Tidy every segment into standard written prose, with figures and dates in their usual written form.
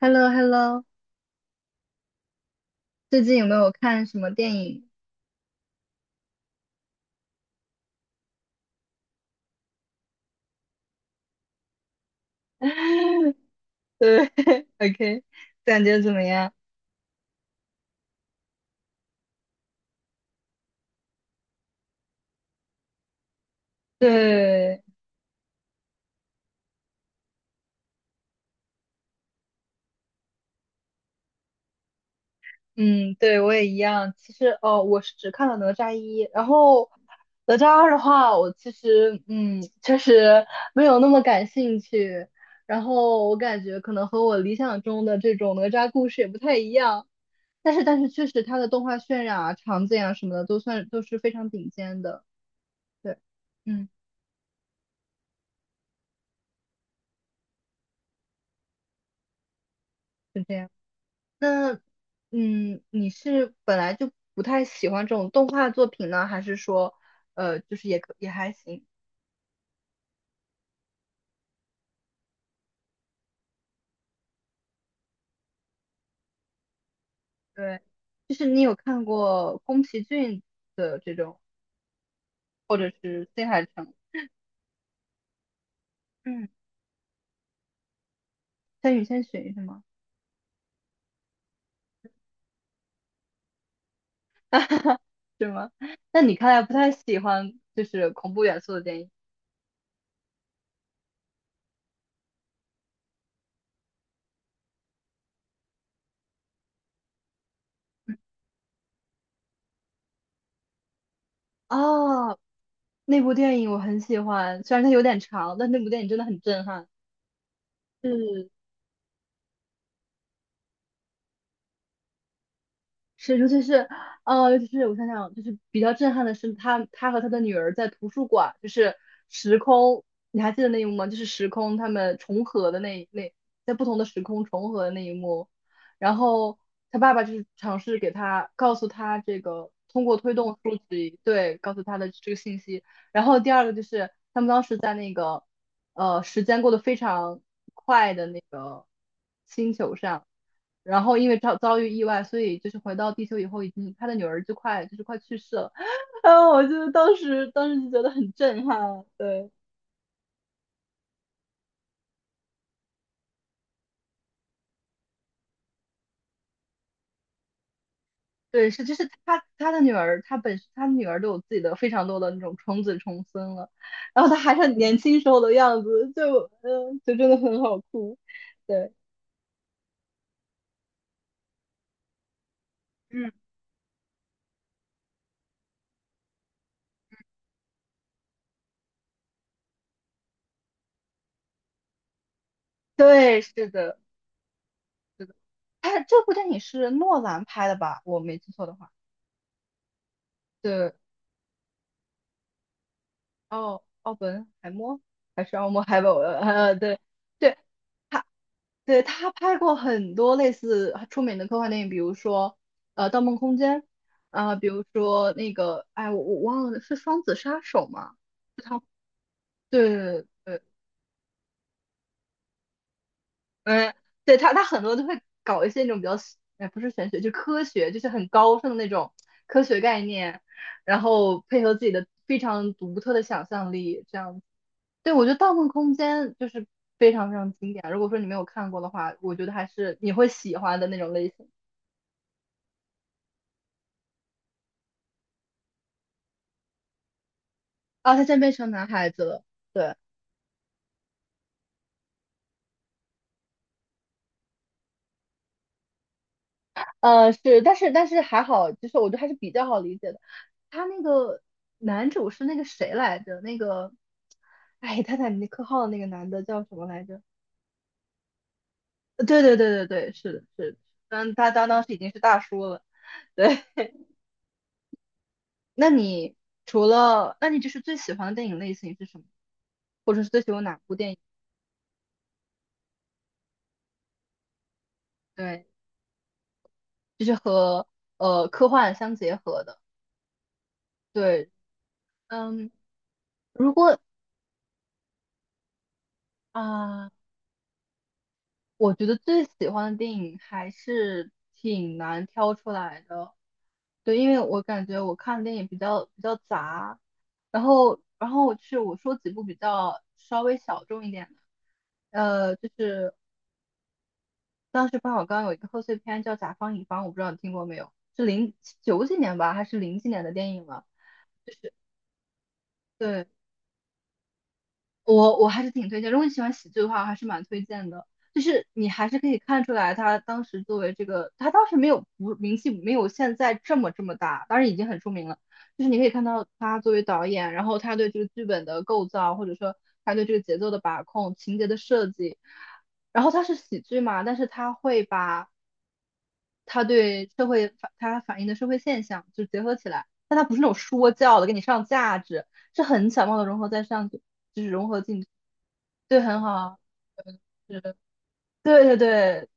h e l l o h e l l o 最近有没有看什么电影？对， ，OK，感觉怎么样？对。嗯，对，我也一样。其实哦，我是只看了哪吒一，然后哪吒二的话，我其实确实没有那么感兴趣。然后我感觉可能和我理想中的这种哪吒故事也不太一样，但是确实它的动画渲染啊、场景啊什么的都是非常顶尖的。对，嗯，是这样。那，你是本来就不太喜欢这种动画作品呢，还是说，就是也还行？对，就是你有看过宫崎骏的这种，或者是新海诚，嗯，千与千寻是吗？是吗？那你看来不太喜欢就是恐怖元素的电影哦。那部电影我很喜欢，虽然它有点长，但那部电影真的很震撼。是是，尤其是我想想，就是比较震撼的是他和他的女儿在图书馆，就是时空，你还记得那一幕吗？就是时空他们重合的那，在不同的时空重合的那一幕。然后他爸爸就是尝试给他告诉他这个，通过推动书籍，对，告诉他的这个信息。然后第二个就是他们当时在那个，时间过得非常快的那个星球上。然后因为遭遇意外，所以就是回到地球以后，已经他的女儿就是快去世了。啊，我就当时就觉得很震撼。对对，是就是他的女儿，他女儿都有自己的非常多的那种重子重孙了，然后他还是很年轻时候的样子，就真的很好哭。对，嗯，对，是的，是的。哎，这部电影是诺兰拍的吧？我没记错的话。对，奥本海默还是奥默 海默？对对，他，对，他拍过很多类似出名的科幻电影，比如说《盗梦空间》啊、比如说那个哎我忘了，是《双子杀手》吗？是他，对对对，嗯，对，他很多都会搞一些那种比较，哎，不是玄学，就科学，就是很高深的那种科学概念，然后配合自己的非常独特的想象力，这样子。对，我觉得《盗梦空间》就是非常非常经典。如果说你没有看过的话，我觉得还是你会喜欢的那种类型。啊，他现在变成男孩子了。对。是，但是还好，就是我觉得还是比较好理解的。他那个男主是那个谁来着？那个，哎，泰坦尼克号的那个男的叫什么来着？对对对对对，是的，是的，嗯，他当时已经是大叔了。对，那你那你就是最喜欢的电影类型是什么？或者是最喜欢哪部电影？对，就是和科幻相结合的。对，嗯，如果啊。我觉得最喜欢的电影还是挺难挑出来的，对，因为我感觉我看的电影比较杂，然后我说几部比较稍微小众一点的，就是当时冯小刚有一个贺岁片叫《甲方乙方》，我不知道你听过没有，是零九几年吧，还是零几年的电影了？就是对，我还是挺推荐，如果你喜欢喜剧的话，我还是蛮推荐的。就是你还是可以看出来，他当时作为这个，他当时没有不名气没有现在这么大，当然已经很出名了。就是你可以看到他作为导演，然后他对这个剧本的构造，或者说他对这个节奏的把控、情节的设计。然后他是喜剧嘛，但是他会把他反映的社会现象就结合起来，但他不是那种说教的给你上价值，是很巧妙的融合在上去，就是融合进。对，很好，嗯，是，对对对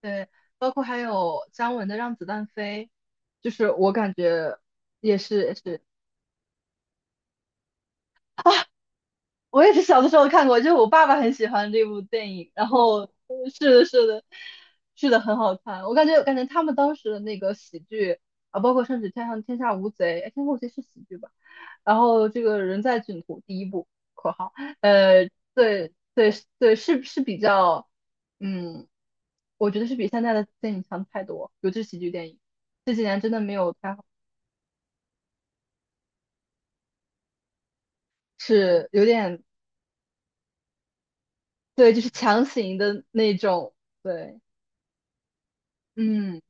对，包括还有姜文的《让子弹飞》，就是我感觉也是。我也是小的时候看过，就是我爸爸很喜欢这部电影，然后嗯，是的，是的，是的，很好看。我感觉他们当时的那个喜剧啊，包括甚至《天上天下无贼》，哎，《天下无贼》是喜剧吧？然后这个人在囧途第一部（括号），呃，对对对，是比较，嗯，我觉得是比现在的电影强太多，尤其是喜剧电影，这几年真的没有太好，是有点，对，就是强行的那种，对，嗯。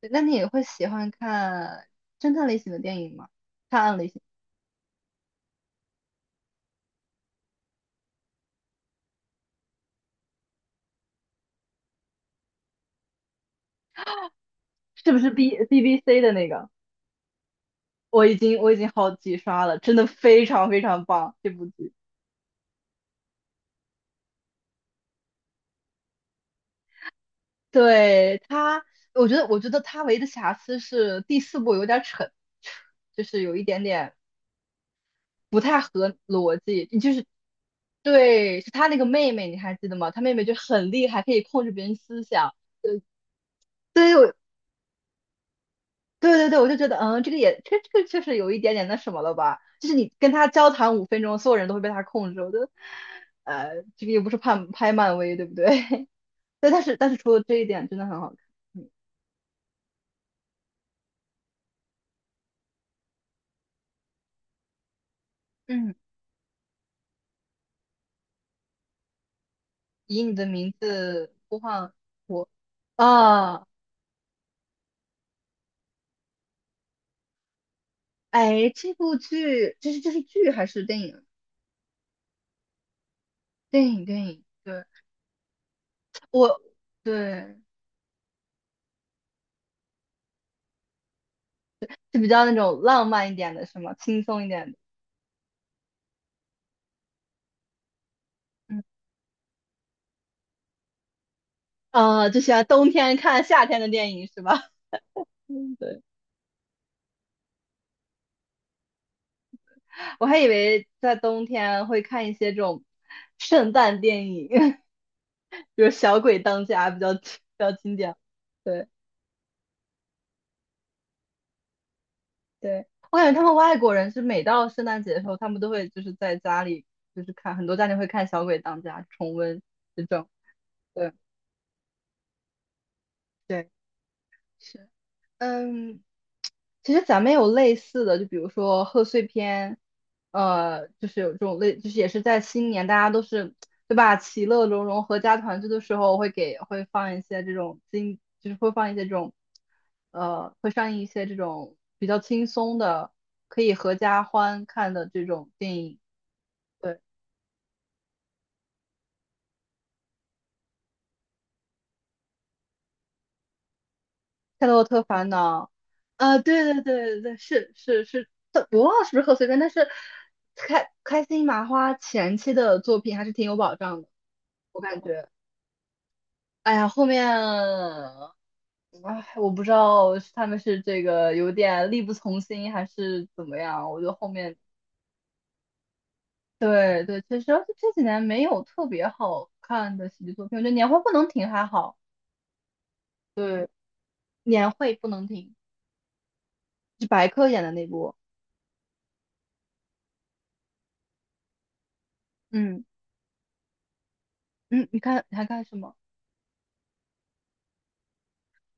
对，那你也会喜欢看侦探类型的电影吗？探案类型是不是 BBC 的那个？我已经好几刷了，真的非常非常棒这部剧。对，他，我觉得他唯一的瑕疵是第四部有点扯，就是有一点点不太合逻辑。就是对，是他那个妹妹，你还记得吗？他妹妹就很厉害，可以控制别人思想。对。对对对，我就觉得，这个也，这个确实有一点点那什么了吧？就是你跟他交谈5分钟，所有人都会被他控制。我觉得，这个又不是拍拍漫威，对不对？对，但是除了这一点，真的很好看。嗯，嗯，以你的名字播放我，啊！哎，这部剧，这是剧还是电影？电影电影，对，我对是比较那种浪漫一点的，是吗？轻松一点的，嗯，啊，就喜欢冬天看夏天的电影是吧？对。我还以为在冬天会看一些这种圣诞电影，比如《小鬼当家》比较经典。对对，我感觉他们外国人是每到圣诞节的时候，他们都会就是在家里就是看，很多家庭会看《小鬼当家》重温这种。对对，是，嗯，其实咱们有类似的，就比如说贺岁片，就是有这种类，就是也是在新年，大家都是，对吧？其乐融融、合家团聚的时候，会放一些这种经，就是会放一些这种，会上映一些这种比较轻松的，可以合家欢看的这种电影。对。夏洛特烦恼》啊，对对对对对，是是是，我忘了是不是贺岁片，但是开心麻花前期的作品还是挺有保障的，我感觉。哎呀，后面，哎，我不知道是他们是这个有点力不从心还是怎么样，我觉得后面，对对，确实，而且这几年没有特别好看的喜剧作品，我觉得年会不能停还好，对，年会不能停，是白客演的那部，嗯，嗯，你看你还看什么？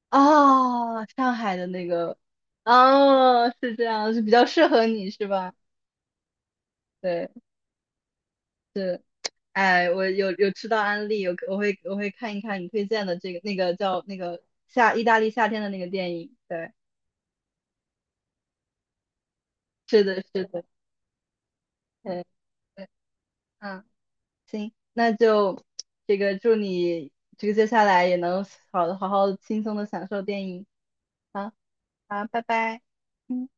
啊，上海的那个，哦，是这样，是比较适合你是吧？对，是，哎，我有吃到安利，有我会我会看一看你推荐的这个那个叫那个意大利夏天的那个电影，对，是的，是的，对对，嗯，那就这个祝你这个接下来也能好好轻松的享受电影，好，好，拜拜。嗯。